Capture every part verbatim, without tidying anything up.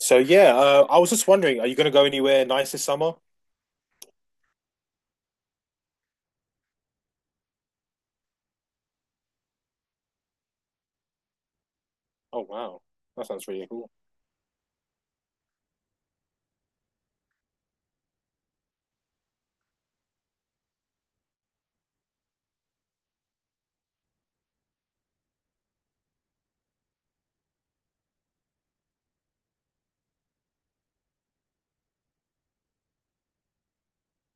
So yeah, uh, I was just wondering, are you going to go anywhere nice this summer? Oh wow, that sounds really cool.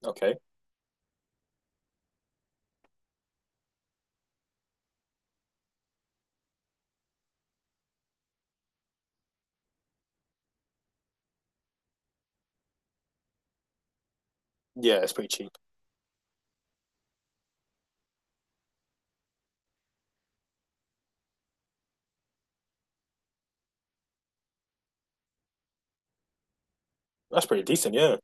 Okay, yeah, it's pretty cheap. That's pretty decent, yeah.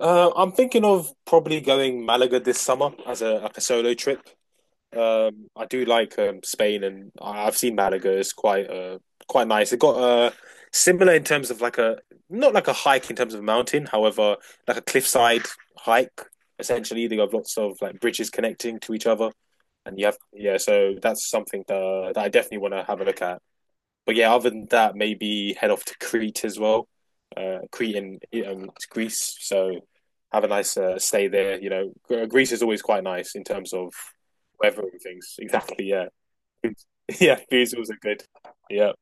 Uh, I'm thinking of probably going Malaga this summer as a like a solo trip. Um, I do like um, Spain, and I- I've seen Malaga. It's quite uh quite nice. It got uh similar in terms of like a not like a hike in terms of a mountain, however, like a cliffside hike. Essentially, they have lots of like bridges connecting to each other. And you have, yeah. So that's something that, that I definitely want to have a look at. But yeah, other than that, maybe head off to Crete as well. Uh, Crete and um, Greece, so have a nice uh, stay there. You know, Greece is always quite nice in terms of weather and things. Exactly, yeah. Yeah. Food's also good. Yeah,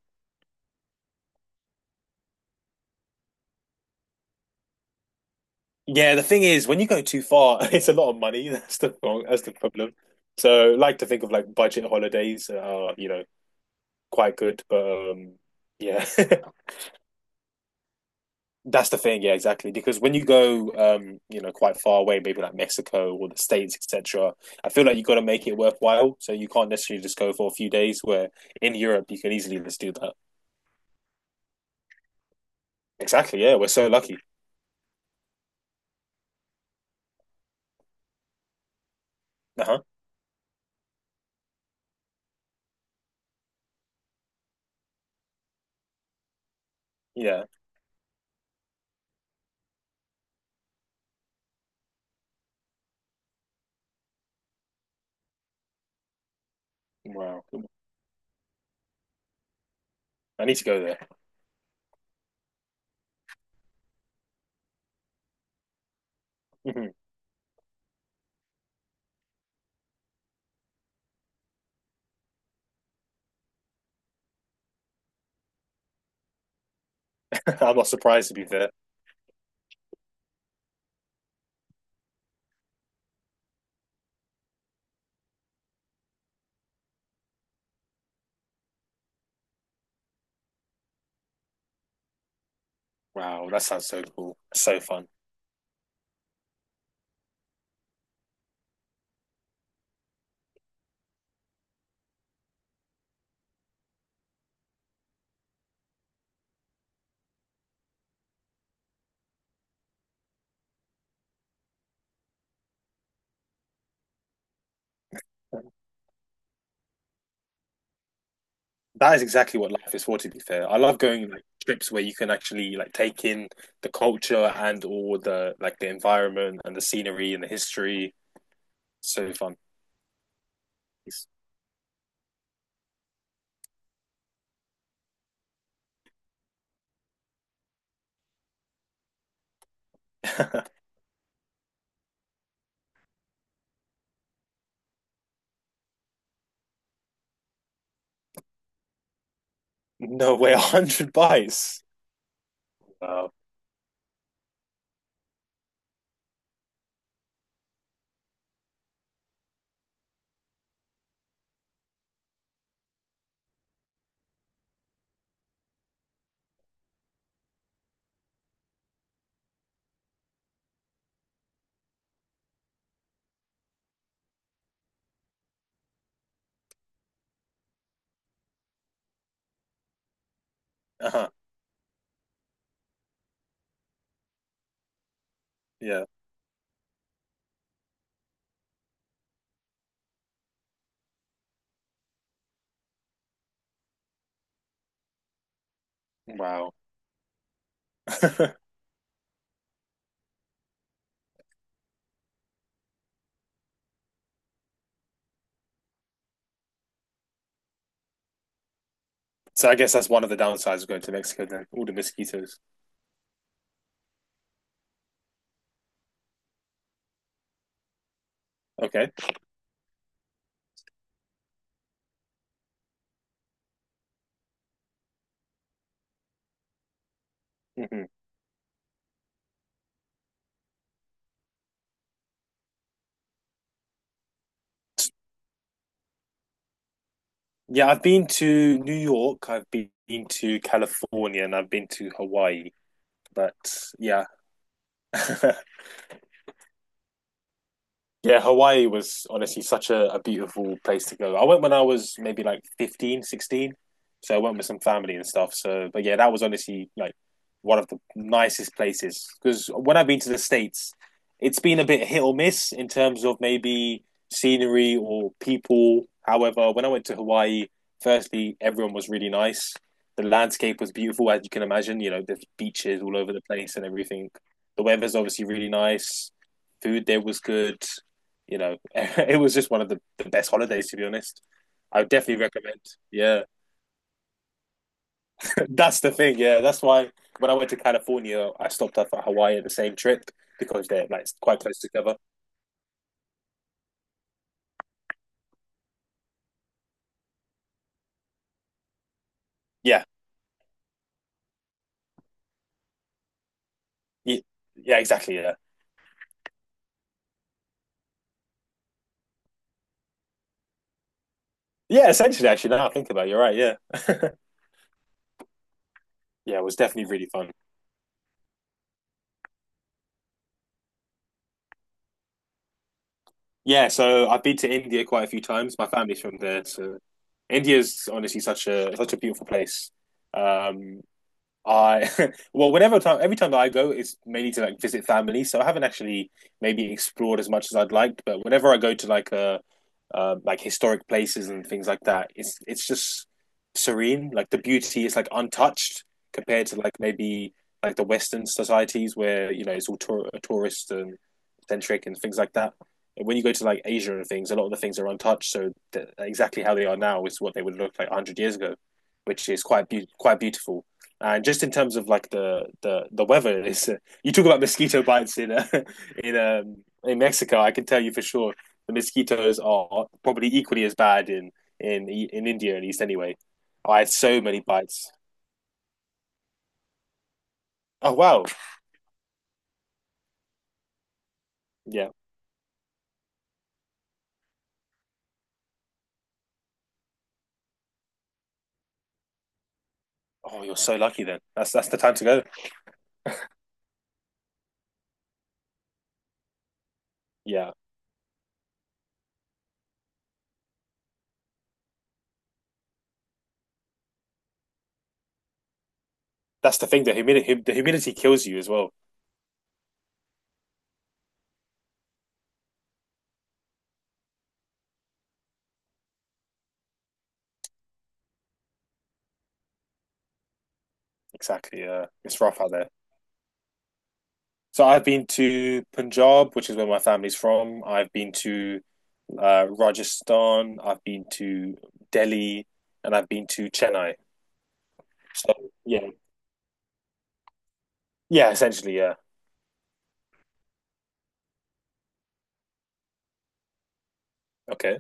yeah. The thing is, when you go too far, it's a lot of money. That's the wrong, that's the problem. So, I like to think of like budget holidays are you know quite good, but um, yeah. That's the thing, yeah, exactly. Because when you go, um, you know, quite far away, maybe like Mexico or the States, et cetera, I feel like you got to make it worthwhile. So you can't necessarily just go for a few days. Where in Europe, you can easily just do that. Exactly, yeah. We're so lucky. Uh huh. Yeah. Wow. I need to go there. I'm not surprised to be there. Wow, that sounds so cool. So fun. That is exactly what life is for, to be fair. I love going like trips where you can actually like take in the culture and all the like the environment and the scenery and the history. So fun. No way, a hundred bites. Wow. Uh-huh. Yeah. Wow. So I guess that's one of the downsides of going to Mexico then, all the mosquitoes. Okay. Hmm. Yeah, I've been to New York, I've been to California, and I've been to Hawaii. But yeah. Yeah, Hawaii was honestly such a, a beautiful place to go. I went when I was maybe like fifteen, sixteen. So I went with some family and stuff. So, but yeah, that was honestly like one of the nicest places. Because when I've been to the States, it's been a bit hit or miss in terms of maybe scenery or people. However, when I went to Hawaii, firstly, everyone was really nice. The landscape was beautiful, as you can imagine. You know, there's beaches all over the place and everything. The weather's obviously really nice. Food there was good you know, It was just one of the, the best holidays, to be honest. I would definitely recommend. Yeah, that's the thing. Yeah, that's why when I went to California, I stopped off at Hawaii at the same trip because they're like quite close together. Yeah, yeah, yeah, exactly. Yeah, yeah. Essentially, actually, now I think about it, you're right. Yeah, yeah. It was definitely really fun. Yeah, so I've been to India quite a few times. My family's from there, so India's honestly such a such a beautiful place. Um, I well, whenever time every time that I go, it's mainly to like visit family. So I haven't actually maybe explored as much as I'd liked. But whenever I go to like a uh, like historic places and things like that, it's it's just serene. Like the beauty is like untouched compared to like maybe like the Western societies where you know it's all tour- uh, tourist and centric and things like that. And when you go to like Asia and things, a lot of the things are untouched. So th- exactly how they are now is what they would look like a hundred years ago, which is quite be- quite beautiful. And just in terms of like the the the weather, is uh, you talk about mosquito bites in uh, in um in Mexico. I can tell you for sure the mosquitoes are probably equally as bad in in in India at least. Anyway, I had so many bites. Oh wow, yeah. Oh, you're so lucky then. That's that's the time to go. Yeah, that's the thing. The humidity the humidity kills you as well. Exactly. Uh, it's rough out there. So I've been to Punjab, which is where my family's from. I've been to uh, Rajasthan, I've been to Delhi, and I've been to Chennai. So yeah, yeah, essentially, yeah. Okay,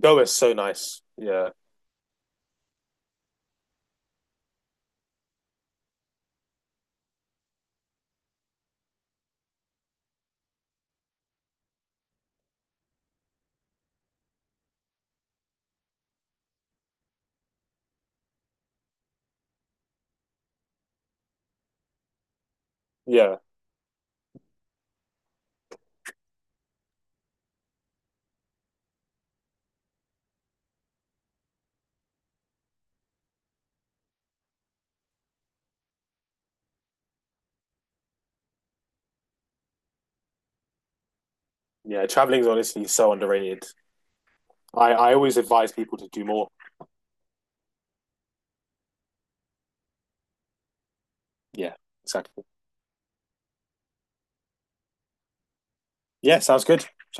Goa is so nice. Yeah, yeah, yeah. Traveling is honestly so underrated. I I always advise people to do more. Yeah, exactly. Yeah, sounds good.